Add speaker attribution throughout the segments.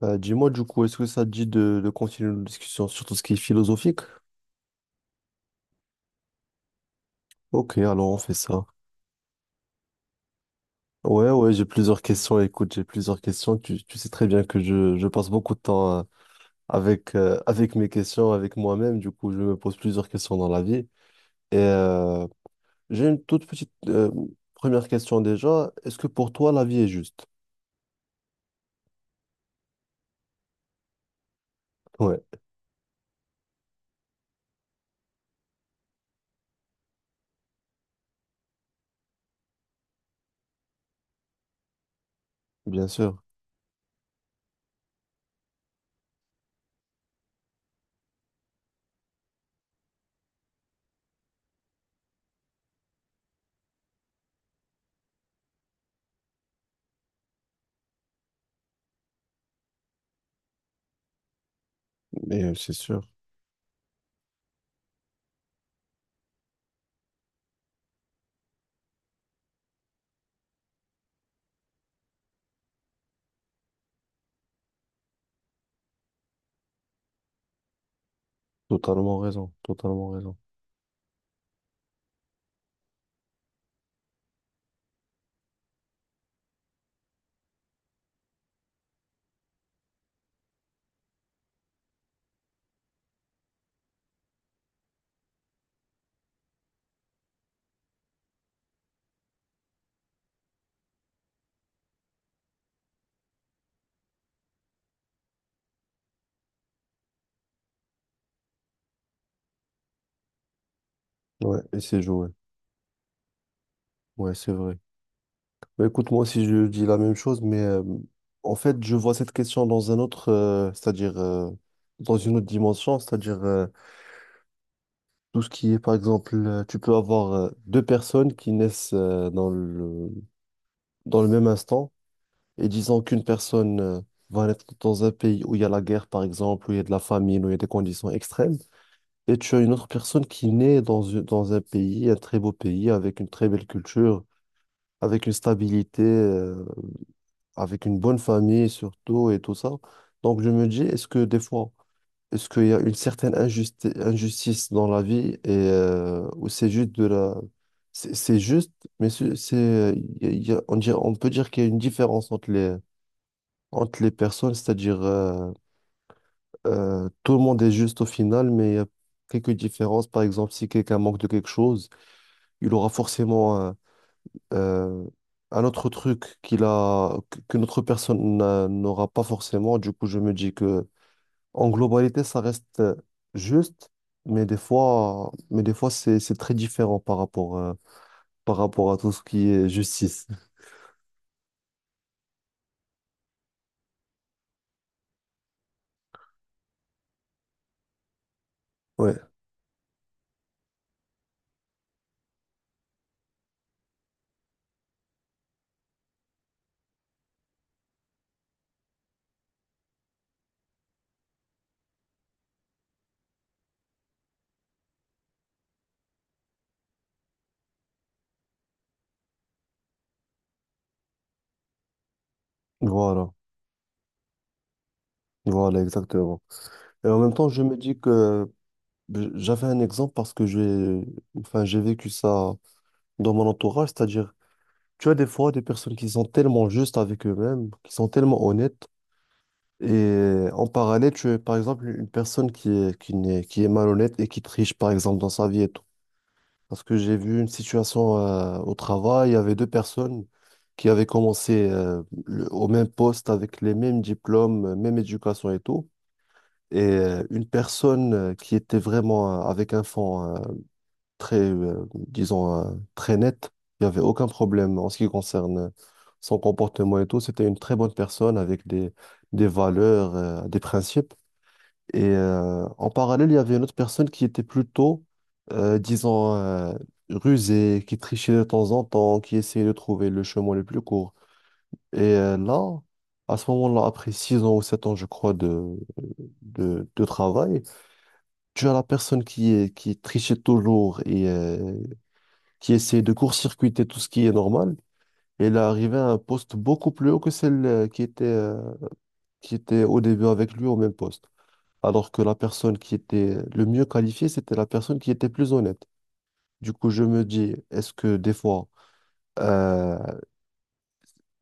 Speaker 1: Bah, dis-moi du coup, est-ce que ça te dit de continuer nos discussions sur tout ce qui est philosophique? Ok, alors on fait ça. Ouais, ouais, j'ai plusieurs questions. Écoute, j'ai plusieurs questions. Tu sais très bien que je passe beaucoup de temps avec, avec mes questions, avec moi-même. Du coup, je me pose plusieurs questions dans la vie. Et j'ai une toute petite première question déjà. Est-ce que pour toi, la vie est juste? Ouais, bien sûr. Mais c'est sûr. Totalement raison. Totalement raison. Ouais, et c'est joué. Ouais, c'est vrai. Bah, écoute, moi aussi, je dis la même chose, mais en fait, je vois cette question dans un autre, c'est-à-dire dans une autre dimension, c'est-à-dire tout ce qui est, par exemple, tu peux avoir deux personnes qui naissent dans dans le même instant, et disons qu'une personne va naître dans un pays où il y a la guerre, par exemple, où il y a de la famine, où il y a des conditions extrêmes, et tu as une autre personne qui naît dans, dans un pays, un très beau pays, avec une très belle culture, avec une stabilité. Avec une bonne famille surtout et tout ça. Donc je me dis, est-ce que des fois, est-ce qu'il y a une certaine injustice dans la vie et ou c'est juste de la... C'est juste, mais on peut dire qu'il y a une différence entre entre les personnes, c'est-à-dire tout le monde est juste au final, mais il y a quelques différences. Par exemple, si quelqu'un manque de quelque chose, il aura forcément euh, un autre truc qu'il a, que notre personne n'aura pas forcément, du coup, je me dis que en globalité, ça reste juste, mais des fois, c'est très différent par rapport à tout ce qui est justice. Ouais, voilà, voilà, exactement. Et en même temps, je me dis que j'avais un exemple parce que j'ai, enfin, j'ai vécu ça dans mon entourage, c'est-à-dire, tu as des fois des personnes qui sont tellement justes avec eux-mêmes, qui sont tellement honnêtes. Et en parallèle, tu es par exemple une personne qui est, qui n'est, qui est malhonnête et qui triche par exemple dans sa vie et tout. Parce que j'ai vu une situation au travail, il y avait deux personnes qui avaient commencé au même poste avec les mêmes diplômes, même éducation et tout. Et une personne qui était vraiment avec un fond très, disons, très net, il n'y avait aucun problème en ce qui concerne son comportement et tout. C'était une très bonne personne avec des valeurs, des principes. Et en parallèle, il y avait une autre personne qui était plutôt, disons, rusée, qui trichait de temps en temps, qui essayait de trouver le chemin le plus court. Et là, à ce moment-là, après 6 ans ou 7 ans, je crois, de, de travail, tu as la personne qui est, qui trichait toujours et qui essayait de court-circuiter tout ce qui est normal. Et elle est arrivée à un poste beaucoup plus haut que celle qui était au début avec lui au même poste, alors que la personne qui était le mieux qualifiée, c'était la personne qui était plus honnête. Du coup, je me dis, est-ce que des fois, euh,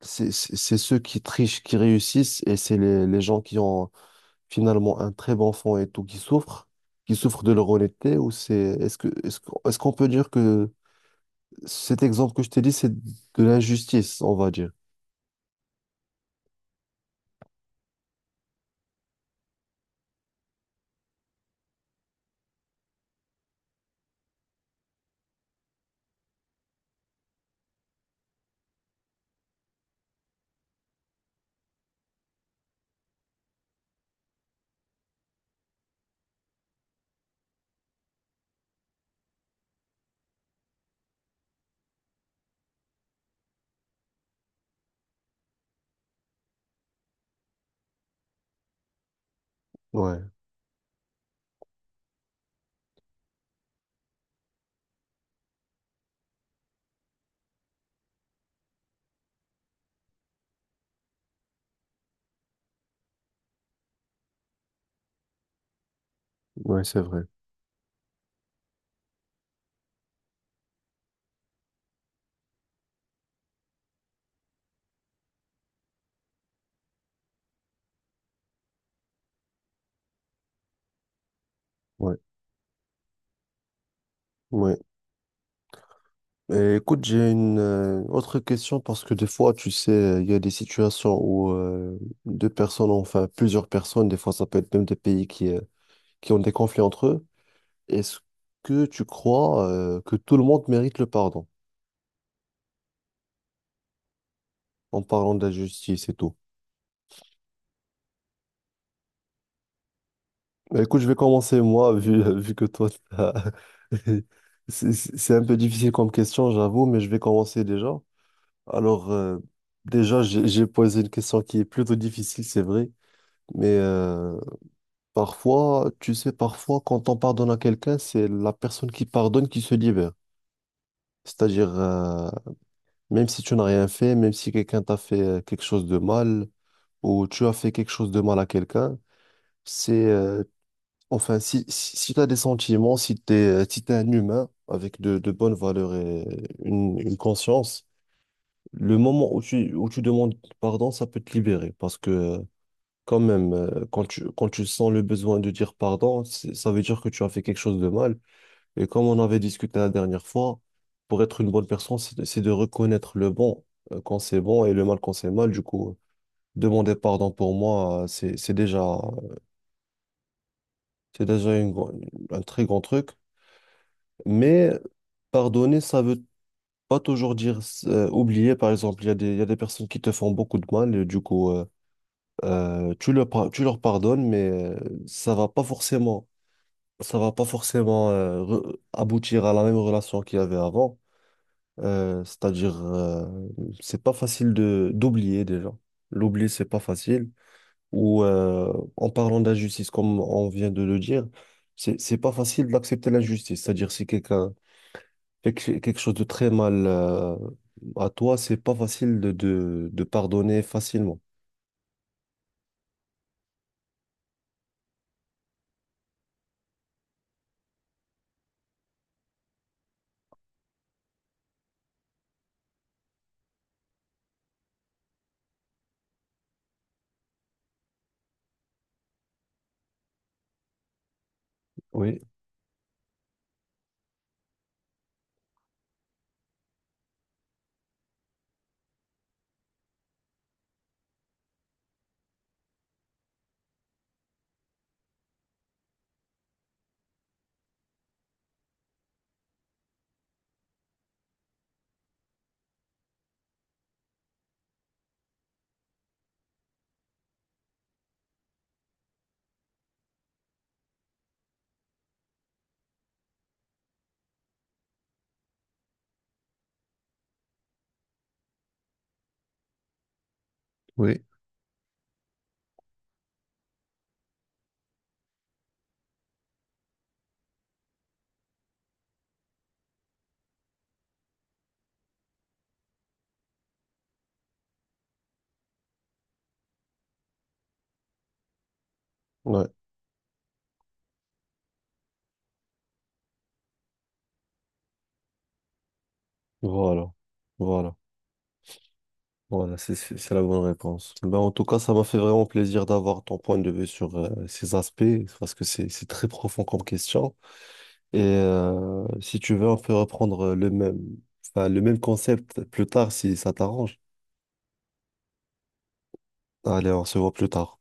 Speaker 1: c'est ceux qui trichent qui réussissent et c'est les gens qui ont finalement un très bon fond et tout qui souffrent de leur honnêteté ou c'est, est-ce qu'on peut dire que cet exemple que je t'ai dit, c'est de l'injustice, on va dire. Ouais, ouais, c'est vrai. Ouais, ouais. Et écoute, j'ai une autre question parce que des fois, tu sais, il y a des situations où deux personnes, enfin plusieurs personnes, des fois ça peut être même des pays qui ont des conflits entre eux. Est-ce que tu crois que tout le monde mérite le pardon en parlant de la justice et tout? Bah, écoute, je vais commencer moi, vu, vu que toi, c'est un peu difficile comme question, j'avoue, mais je vais commencer déjà. Alors, déjà, j'ai posé une question qui est plutôt difficile, c'est vrai. Mais parfois, tu sais, parfois, quand on pardonne à quelqu'un, c'est la personne qui pardonne qui se libère. C'est-à-dire, même si tu n'as rien fait, même si quelqu'un t'a fait quelque chose de mal, ou tu as fait quelque chose de mal à quelqu'un, c'est, enfin, si tu as des sentiments, si tu es, si t'es un humain avec de bonnes valeurs et une conscience, le moment où où tu demandes pardon, ça peut te libérer parce que quand même, quand quand tu sens le besoin de dire pardon, ça veut dire que tu as fait quelque chose de mal. Et comme on avait discuté la dernière fois, pour être une bonne personne, c'est c'est de reconnaître le bon quand c'est bon et le mal quand c'est mal. Du coup, demander pardon pour moi, c'est déjà un très grand truc. Mais pardonner, ça veut pas toujours dire oublier. Par exemple, il y a des, il y a des personnes qui te font beaucoup de mal et du coup, tu leur, tu leur pardonnes, mais ça va pas forcément ça va pas forcément aboutir à la même relation qu'il y avait avant. C'est-à-dire, c'est pas facile de d'oublier déjà. L'oublier, c'est pas facile. Ou en parlant d'injustice, comme on vient de le dire, c'est pas facile d'accepter l'injustice. C'est-à-dire, si quelqu'un fait quelque chose de très mal à toi, c'est pas facile de, de pardonner facilement. Oui, oui. Ouais, voilà, voilà. Voilà, c'est la bonne réponse. Ben, en tout cas, ça m'a fait vraiment plaisir d'avoir ton point de vue sur ces aspects, parce que c'est très profond comme question. Et si tu veux, on peut reprendre le même, enfin, le même concept plus tard si ça t'arrange. Allez, on se voit plus tard.